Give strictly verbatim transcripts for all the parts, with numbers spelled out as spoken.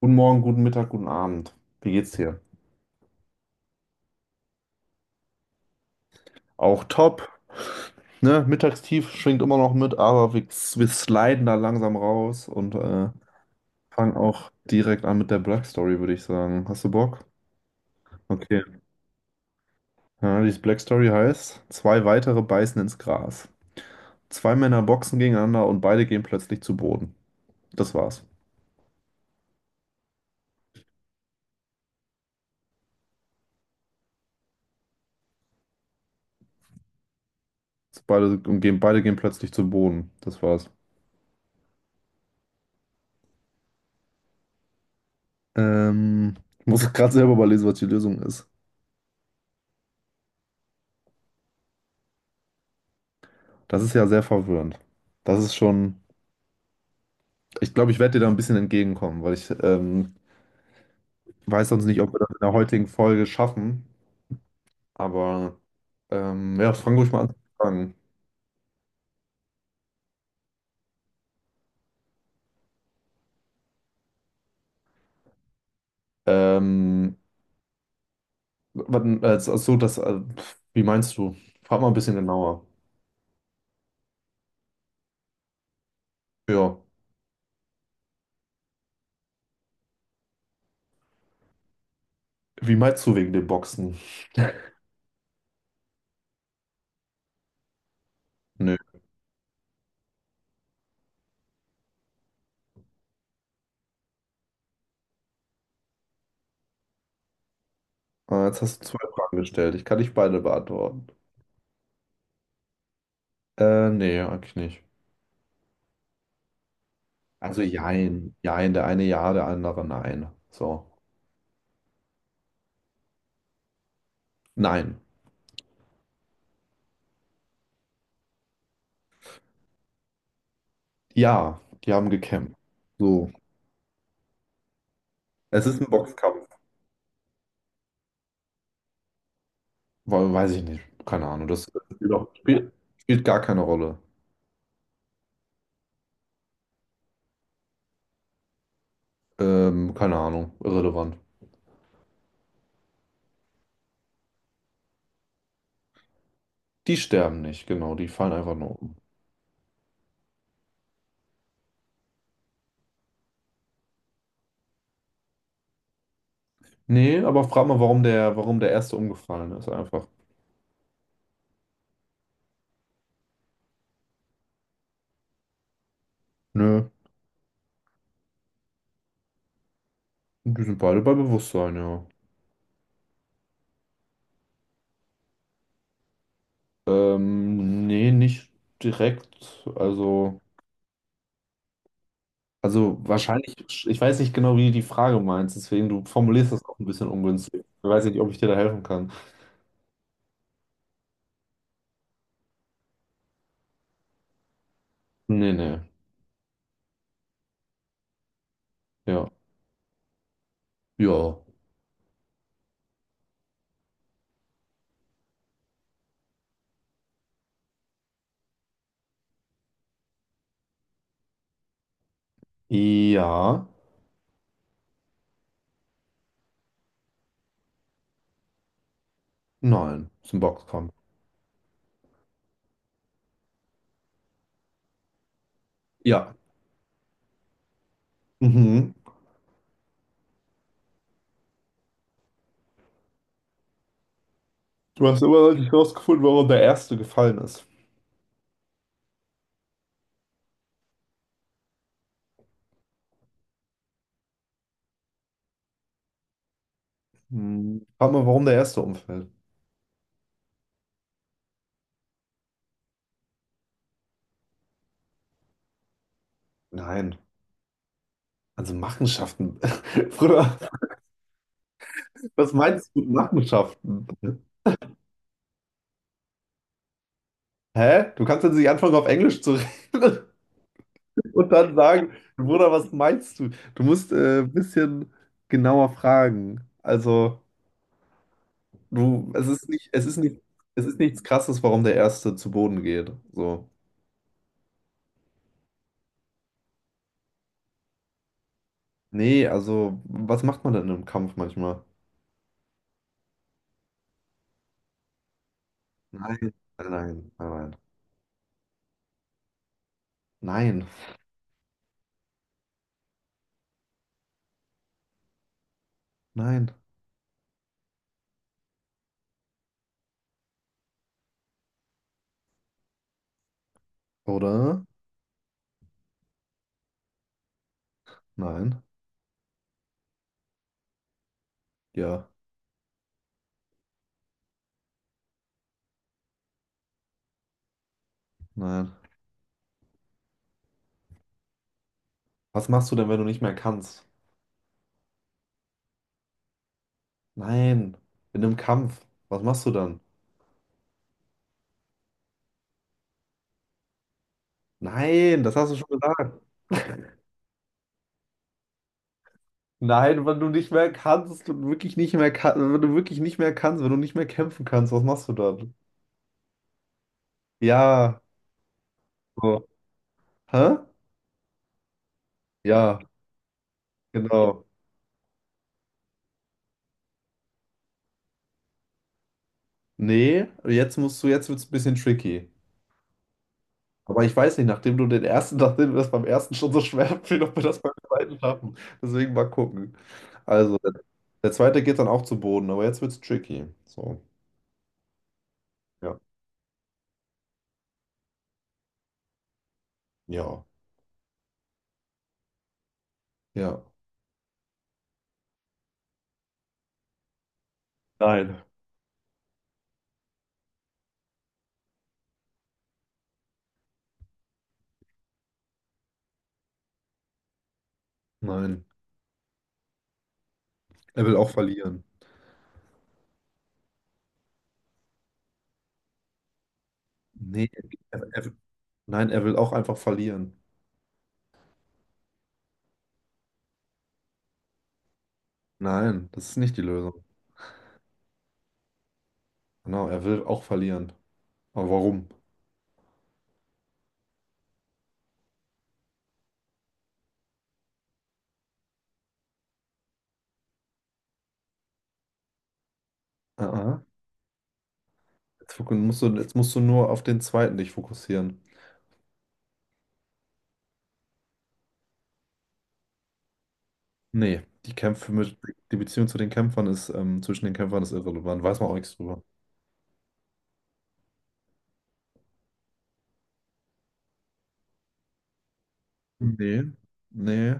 Guten Morgen, guten Mittag, guten Abend. Wie geht's dir? Auch top. Ne? Mittagstief schwingt immer noch mit, aber wir, wir sliden da langsam raus und äh, fangen auch direkt an mit der Black Story, würde ich sagen. Hast du Bock? Okay. Ja, die Black Story heißt, zwei weitere beißen ins Gras. Zwei Männer boxen gegeneinander und beide gehen plötzlich zu Boden. Das war's. Beide, und gehen, beide gehen plötzlich zu Boden. Das war's. Ähm, ich muss gerade selber überlesen, was die Lösung ist. Das ist ja sehr verwirrend. Das ist schon. Ich glaube, ich werde dir da ein bisschen entgegenkommen, weil ich ähm, weiß sonst nicht, ob wir das in der heutigen Folge schaffen. Aber ähm, ja, fang ruhig mal an zu fragen. Ähm, wann- äh, Achso, das, äh, pf, wie meinst du? Frag mal ein bisschen genauer. Ja. Wie meinst du wegen dem Boxen? Nö. Äh, jetzt hast du zwei Fragen gestellt. Ich kann nicht beide beantworten. Äh, nee, eigentlich nicht. Also jein. Jein, der eine ja, der andere nein. So. Nein. Ja, die haben gekämpft. So. Es ist ein Boxkampf. Weil Weiß ich nicht. Keine Ahnung. Das spielt, auch, spielt, spielt gar keine Rolle. Ähm, keine Ahnung. Irrelevant. Die sterben nicht, genau. Die fallen einfach nur um. Nee, aber frag mal, warum der, warum der erste umgefallen ist. Einfach. Nö. Die sind beide bei Bewusstsein, ja. Ähm, nee, nicht direkt. Also, also wahrscheinlich, ich weiß nicht genau, wie du die Frage meinst, deswegen du formulierst das auch ein bisschen ungünstig. Ich weiß nicht, ob ich dir da helfen kann. Nee, nee. Ja. Ja. Ja. Nein. Ist ein Boxkampf. Ja. Mhm. Du hast immer noch nicht rausgefunden, warum der Erste gefallen ist. Hm. Frag mal, warum der Erste umfällt. Nein. Also Machenschaften. Bruder, was meinst du mit Machenschaften? Hä? Du kannst jetzt nicht anfangen, auf Englisch zu reden und dann sagen, Bruder, was meinst du? Du musst äh, ein bisschen genauer fragen. Also, du, es ist nicht, es ist nicht, es ist nichts Krasses, warum der Erste zu Boden geht. So. Nee, also, was macht man denn im Kampf manchmal? Nein, nein, nein, nein, nein. Oder? Nein. Ja, nein. Was machst du denn, wenn du nicht mehr kannst? Nein. In einem Kampf. Was machst du dann? Nein, das hast du schon gesagt. Nein, wenn du nicht mehr kannst und wirklich nicht mehr kannst, wenn du wirklich nicht mehr kannst, wenn du nicht mehr kämpfen kannst, was machst du dann? Ja. So. Hä? Ja, genau. Nee, jetzt musst du, jetzt wird's ein bisschen tricky. Aber ich weiß nicht, nachdem du den ersten, nachdem mir das beim ersten schon so schwer fiel, ob wir das beim zweiten schaffen. Deswegen mal gucken. Also, der der zweite geht dann auch zu Boden, aber jetzt wird's tricky. So. Ja. Ja. Ja. Nein. Nein. Er will auch verlieren. Nee, er, er, nein, er will auch einfach verlieren. Nein, das ist nicht die Lösung. Genau, er will auch verlieren. Aber warum? Ah, ah. Jetzt, fok- musst du, jetzt musst du nur auf den zweiten dich fokussieren. Nee, die Kämpfe mit, Die Beziehung zu den Kämpfern ist, ähm, zwischen den Kämpfern ist irrelevant, weiß man auch nichts drüber. Nee, nee,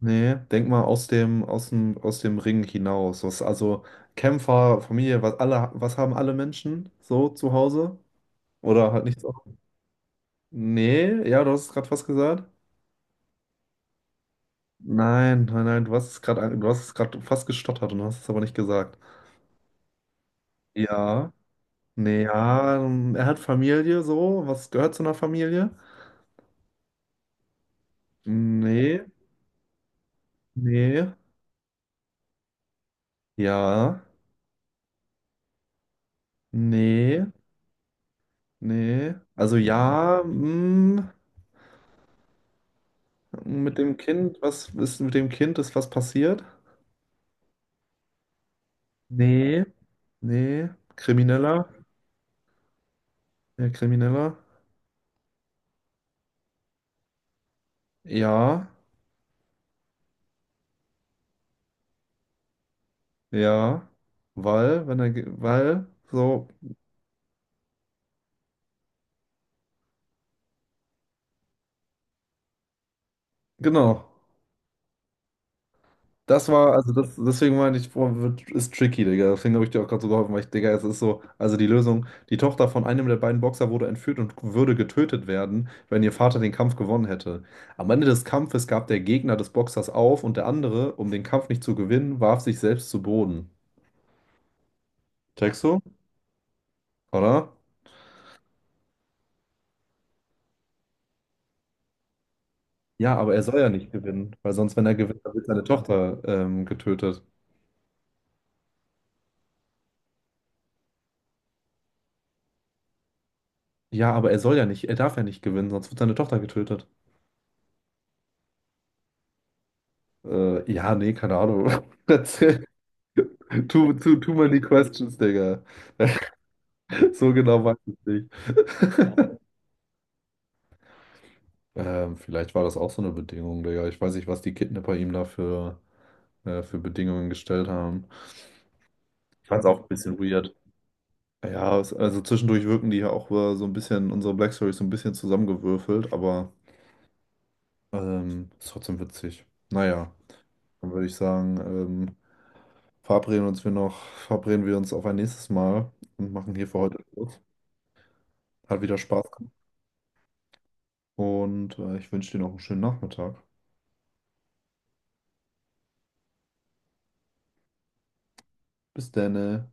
nee. Denk mal aus dem, aus dem, aus dem Ring hinaus. Was, also Kämpfer, Familie, was alle, was haben alle Menschen so zu Hause? Oder halt nichts. Auch- nee, ja, du hast es gerade fast gesagt. Nein, nein, nein, du hast es gerade, du hast es gerade fast gestottert und hast es aber nicht gesagt. Ja, nee, ja, ähm, er hat Familie so. Was gehört zu einer Familie? Nee, nee. Ja, nee, nee. Also ja, mm, mit dem Kind, was ist mit dem Kind, ist was passiert? Nee, nee. Krimineller? Ja, Krimineller? Ja, ja. Weil, wenn er, ge- weil, so, Genau. Das war, also das, Deswegen meine ich, boah, wird, ist tricky, Digga. Deswegen habe ich dir auch gerade so geholfen, weil ich, Digga, es ist so, also die Lösung, die Tochter von einem der beiden Boxer wurde entführt und würde getötet werden, wenn ihr Vater den Kampf gewonnen hätte. Am Ende des Kampfes gab der Gegner des Boxers auf und der andere, um den Kampf nicht zu gewinnen, warf sich selbst zu Boden. Checkst du? Oder? Ja, aber er soll ja nicht gewinnen, weil sonst, wenn er gewinnt, dann wird seine Tochter ähm, getötet. Ja, aber er soll ja nicht, er darf ja nicht gewinnen, sonst wird seine Tochter getötet. Äh, ja, nee, keine Ahnung. Erzähl. Too, too, too many questions, Digga. So genau weiß ich nicht. Ähm, vielleicht war das auch so eine Bedingung, Digga. Ich weiß nicht, was die Kidnapper ihm da für, äh, für Bedingungen gestellt haben. Ich fand's auch ein bisschen weird. Ja, es, also zwischendurch wirken die ja auch äh, so ein bisschen, unsere Black Stories so ein bisschen zusammengewürfelt, aber ähm, ist trotzdem witzig. Naja, dann würde ich sagen, ähm, verabreden uns wir noch, verabreden wir uns auf ein nächstes Mal und machen hier für heute Schluss. Hat wieder Spaß gemacht. Und äh, ich wünsche dir noch einen schönen Nachmittag. Bis dann. äh.